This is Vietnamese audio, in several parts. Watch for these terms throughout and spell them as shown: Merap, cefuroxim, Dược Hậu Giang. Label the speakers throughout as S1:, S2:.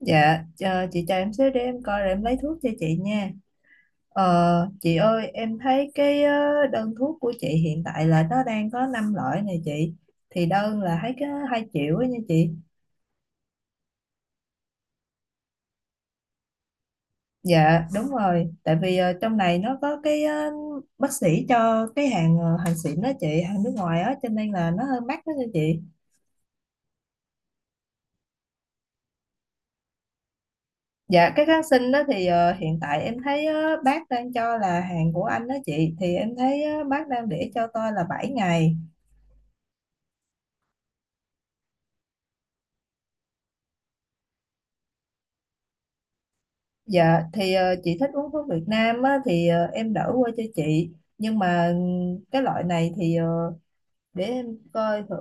S1: Dạ, ờ, chị chờ em xíu để em coi rồi em lấy thuốc cho chị nha. Chị ơi, em thấy đơn thuốc của chị hiện tại là nó đang có 5 loại này chị. Thì đơn là thấy cái 2 triệu ấy nha chị. Dạ, đúng rồi. Tại vì trong này nó có bác sĩ cho cái hàng xịn đó chị, hàng nước ngoài á, cho nên là nó hơi mắc đó nha chị. Dạ, cái kháng sinh đó thì hiện tại em thấy bác đang cho là hàng của anh đó chị. Thì em thấy bác đang để cho tôi là 7 ngày. Dạ thì chị thích uống thuốc Việt Nam á, thì em đỡ qua cho chị, nhưng mà cái loại này thì để em coi thử.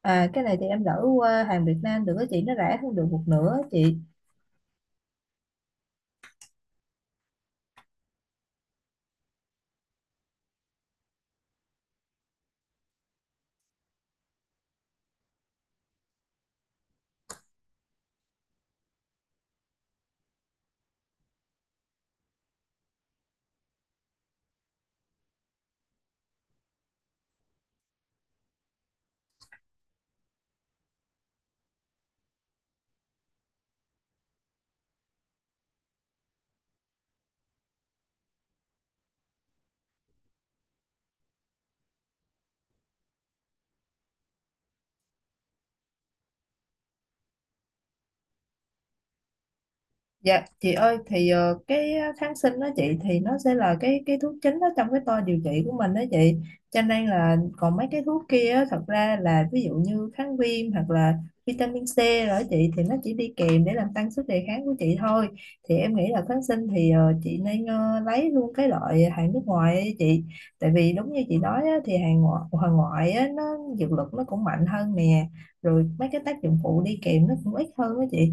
S1: À, cái này thì em đỡ qua hàng Việt Nam được á chị, nó rẻ hơn được một nửa á chị. Dạ chị ơi thì kháng sinh đó chị thì nó sẽ là cái thuốc chính đó trong cái toa điều trị của mình đó chị, cho nên là còn mấy cái thuốc kia á, thật ra là ví dụ như kháng viêm hoặc là vitamin C rồi đó chị, thì nó chỉ đi kèm để làm tăng sức đề kháng của chị thôi. Thì em nghĩ là kháng sinh thì chị nên lấy luôn cái loại hàng nước ngoài ấy chị. Tại vì đúng như chị nói á, thì hàng ngoại á, nó dược lực nó cũng mạnh hơn nè, rồi mấy cái tác dụng phụ đi kèm nó cũng ít hơn đó chị.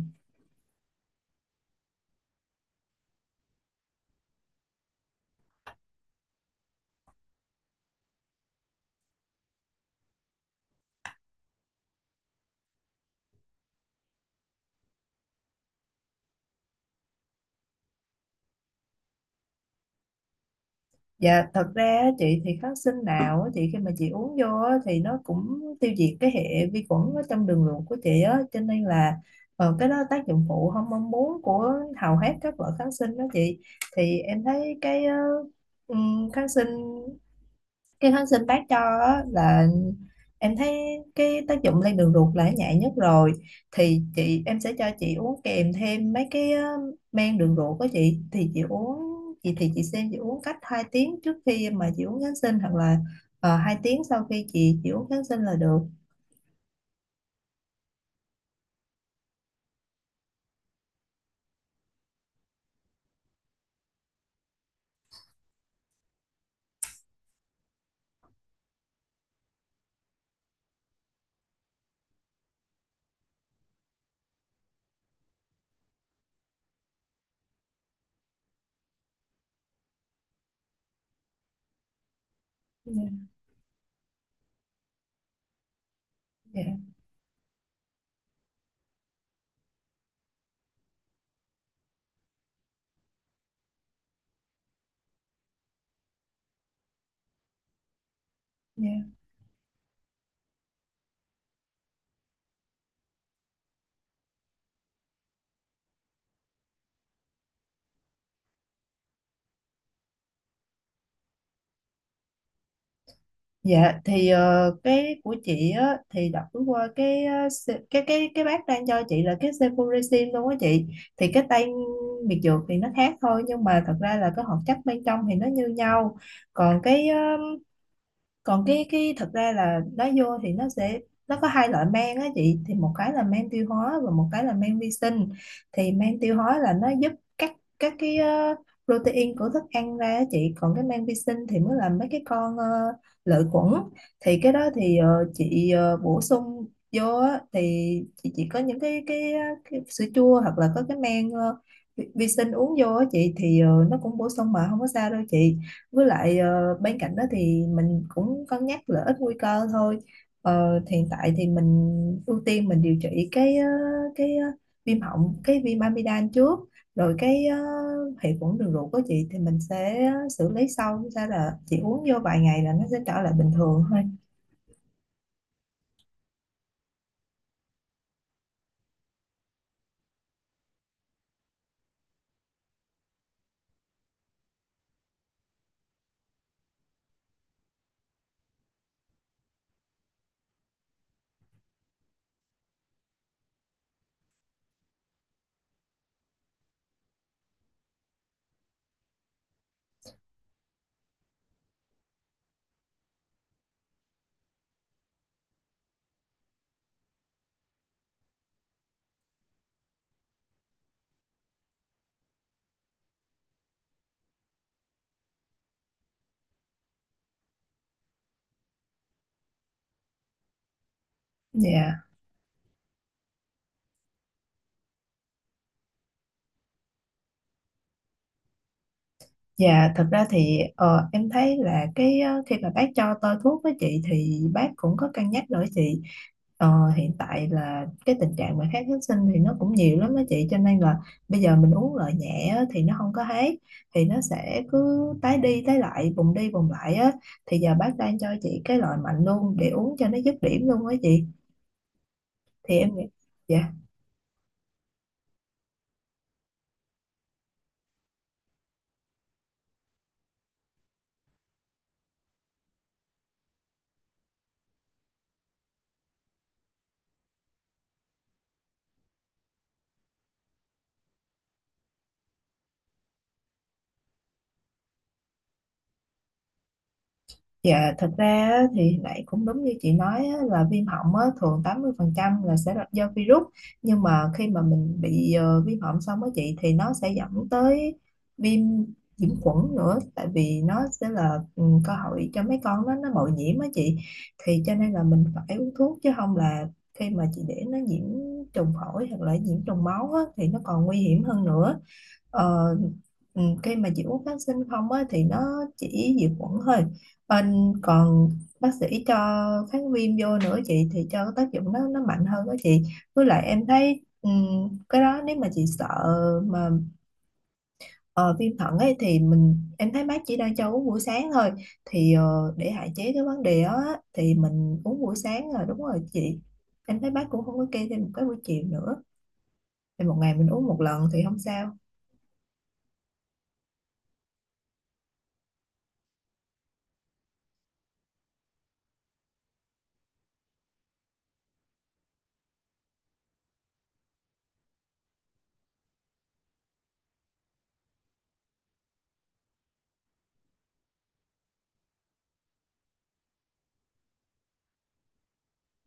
S1: Dạ thật ra á, chị thì kháng sinh nào á, chị khi mà chị uống vô á, thì nó cũng tiêu diệt cái hệ vi khuẩn ở trong đường ruột của chị á, cho nên là cái đó tác dụng phụ không mong muốn của hầu hết các loại kháng sinh đó chị. Thì em thấy ừm, kháng sinh cái kháng sinh bác cho á, là em thấy cái tác dụng lên đường ruột là nhẹ nhất rồi. Thì em sẽ cho chị uống kèm thêm mấy cái men đường ruột của chị, thì chị uống, chị xem chị uống cách 2 tiếng trước khi mà chị uống kháng sinh hoặc là 2 tiếng sau khi chị uống kháng sinh là được. Dạ, dạ, dạ. Dạ thì cái của chị á thì đọc qua cái ờ, se- cái bác đang cho chị là cái cefuroxim luôn á chị. Thì cái tên biệt dược thì nó khác thôi, nhưng mà thật ra là cái hoạt chất bên trong thì nó như nhau. Còn cái ờ, còn cái cái thật ra là lá vô thì nó sẽ, nó có hai loại men á chị, thì một cái là men tiêu hóa và một cái là men vi sinh. Thì men tiêu hóa là nó giúp cắt các cái protein của thức ăn ra á chị, còn cái men vi sinh thì mới là mấy cái con lợi khuẩn. Thì cái đó thì chị bổ sung vô á, thì chị chỉ có những cái sữa chua hoặc là có cái men ờ, vi vi sinh uống vô á chị, thì nó cũng bổ sung mà không có sao đâu chị. Với lại bên cạnh đó thì mình cũng cân nhắc lợi ích nguy cơ thôi. Hiện tại thì mình ưu tiên mình điều trị cái viêm họng cái viêm amidan trước, rồi cái hệ khuẩn đường ruột của chị thì mình sẽ xử lý sau. Sao là chị uống vô vài ngày là nó sẽ trở lại bình thường thôi. Dạ. Dạ, thật ra thì em thấy là khi mà bác cho tôi thuốc với chị thì bác cũng có cân nhắc đổi chị. Ờ, hiện tại là cái tình trạng mà kháng kháng sinh thì nó cũng nhiều lắm đó chị, cho nên là bây giờ mình uống loại nhẹ á, thì nó không có hết, thì nó sẽ cứ tái đi tái lại vùng đi vùng lại á. Thì giờ bác đang cho chị cái loại mạnh luôn để uống cho nó dứt điểm luôn á chị. Thì em nghĩ, dạ. Dạ, thật ra á, thì lại cũng đúng như chị nói á, là viêm họng á, thường 80% là sẽ là do virus, nhưng mà khi mà mình bị viêm họng xong á chị thì nó sẽ dẫn tới viêm nhiễm khuẩn nữa, tại vì nó sẽ là ừ, cơ hội cho mấy con nó bội nhiễm á chị. Thì cho nên là mình phải uống thuốc, chứ không là khi mà chị để nó nhiễm trùng phổi hoặc là nhiễm trùng máu á, thì nó còn nguy hiểm hơn nữa. Ờ, cái mà dịch uống kháng sinh không á, thì nó chỉ diệt khuẩn thôi, còn bác sĩ cho kháng viêm vô nữa chị, thì cho cái tác dụng nó mạnh hơn đó chị. Với lại em thấy cái đó nếu mà chị sợ mà ờ, viêm thận ấy thì em thấy bác chỉ đang cho uống buổi sáng thôi. Thì để hạn chế cái vấn đề đó á, thì mình uống buổi sáng là đúng rồi chị. Em thấy bác cũng không có kê thêm một cái buổi chiều nữa, thì một ngày mình uống một lần thì không sao.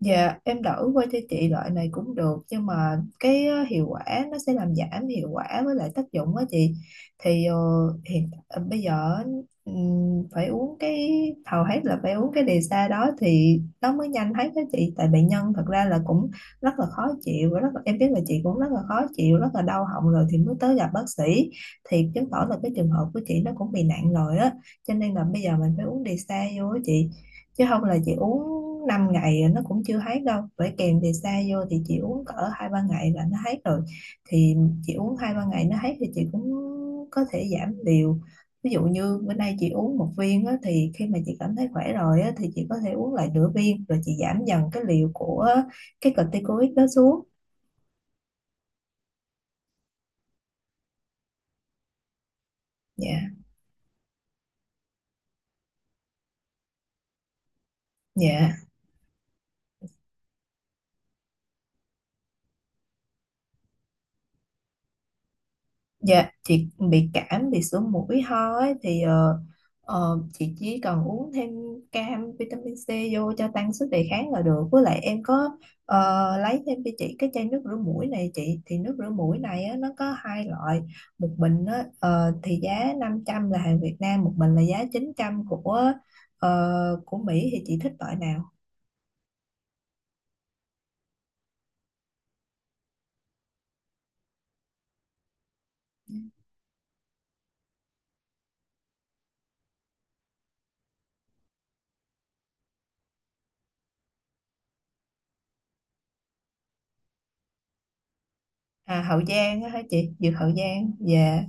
S1: Dạ em đổi qua cho chị loại này cũng được, nhưng mà hiệu quả nó sẽ làm giảm hiệu quả với lại tác dụng á chị. Thì bây giờ phải uống cái hầu hết là phải uống cái đề xa đó thì nó mới nhanh hết đó chị, tại bệnh nhân thật ra là cũng rất là khó chịu và rất là, em biết là chị cũng rất là khó chịu rất là đau họng rồi thì mới tới gặp bác sĩ. Thì chứng tỏ là cái trường hợp của chị nó cũng bị nặng rồi á, cho nên là bây giờ mình phải uống đề xa vô á chị. Chứ không là chị uống 5 ngày nó cũng chưa hết đâu, bởi kèm thì xa vô thì chị uống cỡ hai ba ngày là nó hết rồi. Thì chị uống hai ba ngày nó hết thì chị cũng có thể giảm liều. Ví dụ như bữa nay chị uống một viên á, thì khi mà chị cảm thấy khỏe rồi á, thì chị có thể uống lại nửa viên rồi chị giảm dần cái liều của cái corticoid đó xuống. Dạ. Dạ. Dạ, chị bị cảm, bị sổ mũi ho ấy, thì chị chỉ cần uống thêm cam vitamin C vô cho tăng sức đề kháng là được. Với lại em có lấy thêm cho chị cái chai nước rửa mũi này chị. Thì nước rửa mũi này á, nó có hai loại. Một bình á, thì giá 500 là hàng Việt Nam, một bình là giá 900 của ờ, của Mỹ, thì chị thích loại nào? À, Hậu Giang á hả chị? Dược Hậu Giang. Dạ,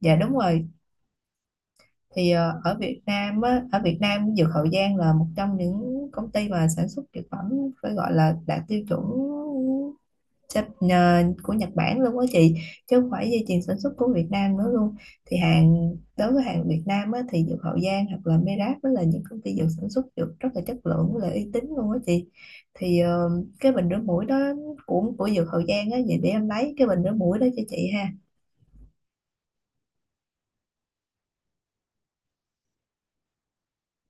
S1: dạ đúng rồi. Thì ở Việt Nam á, ở Việt Nam Dược Hậu Giang là một trong những công ty mà sản xuất dược phẩm phải gọi là đạt tiêu chuẩn của Nhật Bản luôn á chị, chứ không phải dây chuyền sản xuất của Việt Nam nữa luôn. Thì hàng đối với hàng Việt Nam á, thì Dược Hậu Giang hoặc là Merap đó là những công ty dược sản xuất dược rất là chất lượng với lại uy tín luôn á chị. Thì cái bình rửa mũi đó của Dược Hậu Giang á, vậy để em lấy cái bình rửa mũi đó cho chị ha.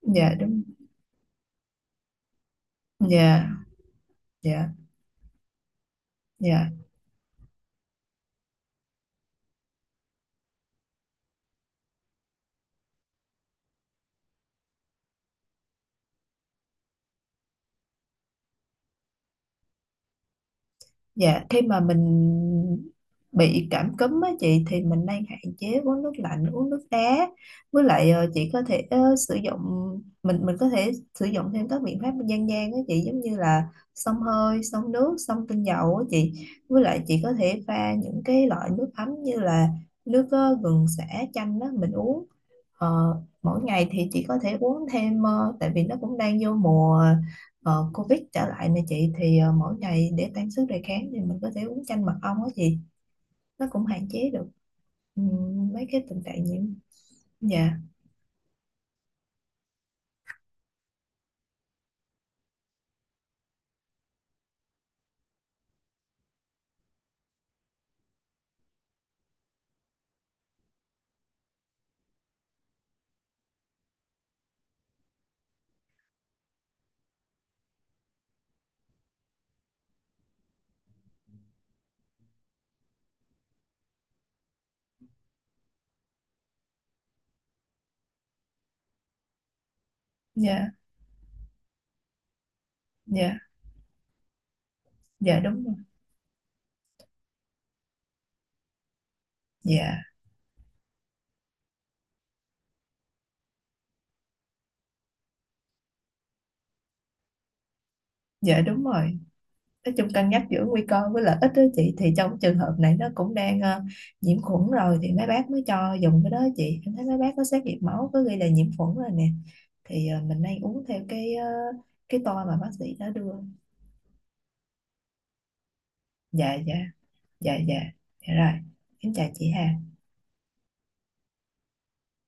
S1: Dạ đúng. Dạ. Dạ. Dạ. Dạ, khi mà mình bị cảm cúm á chị thì mình nên hạn chế uống nước lạnh, uống nước đá. Với lại chị có thể sử dụng, mình có thể sử dụng thêm các biện pháp dân gian á chị, giống như là xông hơi, xông nước, xông tinh dầu á chị. Với lại chị có thể pha những cái loại nước ấm như là nước gừng sả chanh đó mình uống. Ờ, Mỗi ngày thì chị có thể uống thêm tại vì nó cũng đang vô mùa Covid trở lại nè chị, thì mỗi ngày để tăng sức đề kháng thì mình có thể uống chanh mật ong á chị, nó cũng hạn chế được mấy cái tình trạng nhiễm. Dạ. Dạ. Dạ. Dạ đúng rồi. Dạ. Dạ đúng rồi. Nói chung cân nhắc giữa nguy cơ với lợi ích đó chị, thì trong trường hợp này nó cũng đang nhiễm khuẩn rồi thì mấy bác mới cho dùng cái đó chị, em thấy mấy bác có xét nghiệm máu có ghi là nhiễm khuẩn rồi nè. Thì mình nên uống theo cái toa mà bác sĩ đã đưa. Dạ. Dạ. Dạ. Dạ. Dạ rồi. Em chào chị Hà.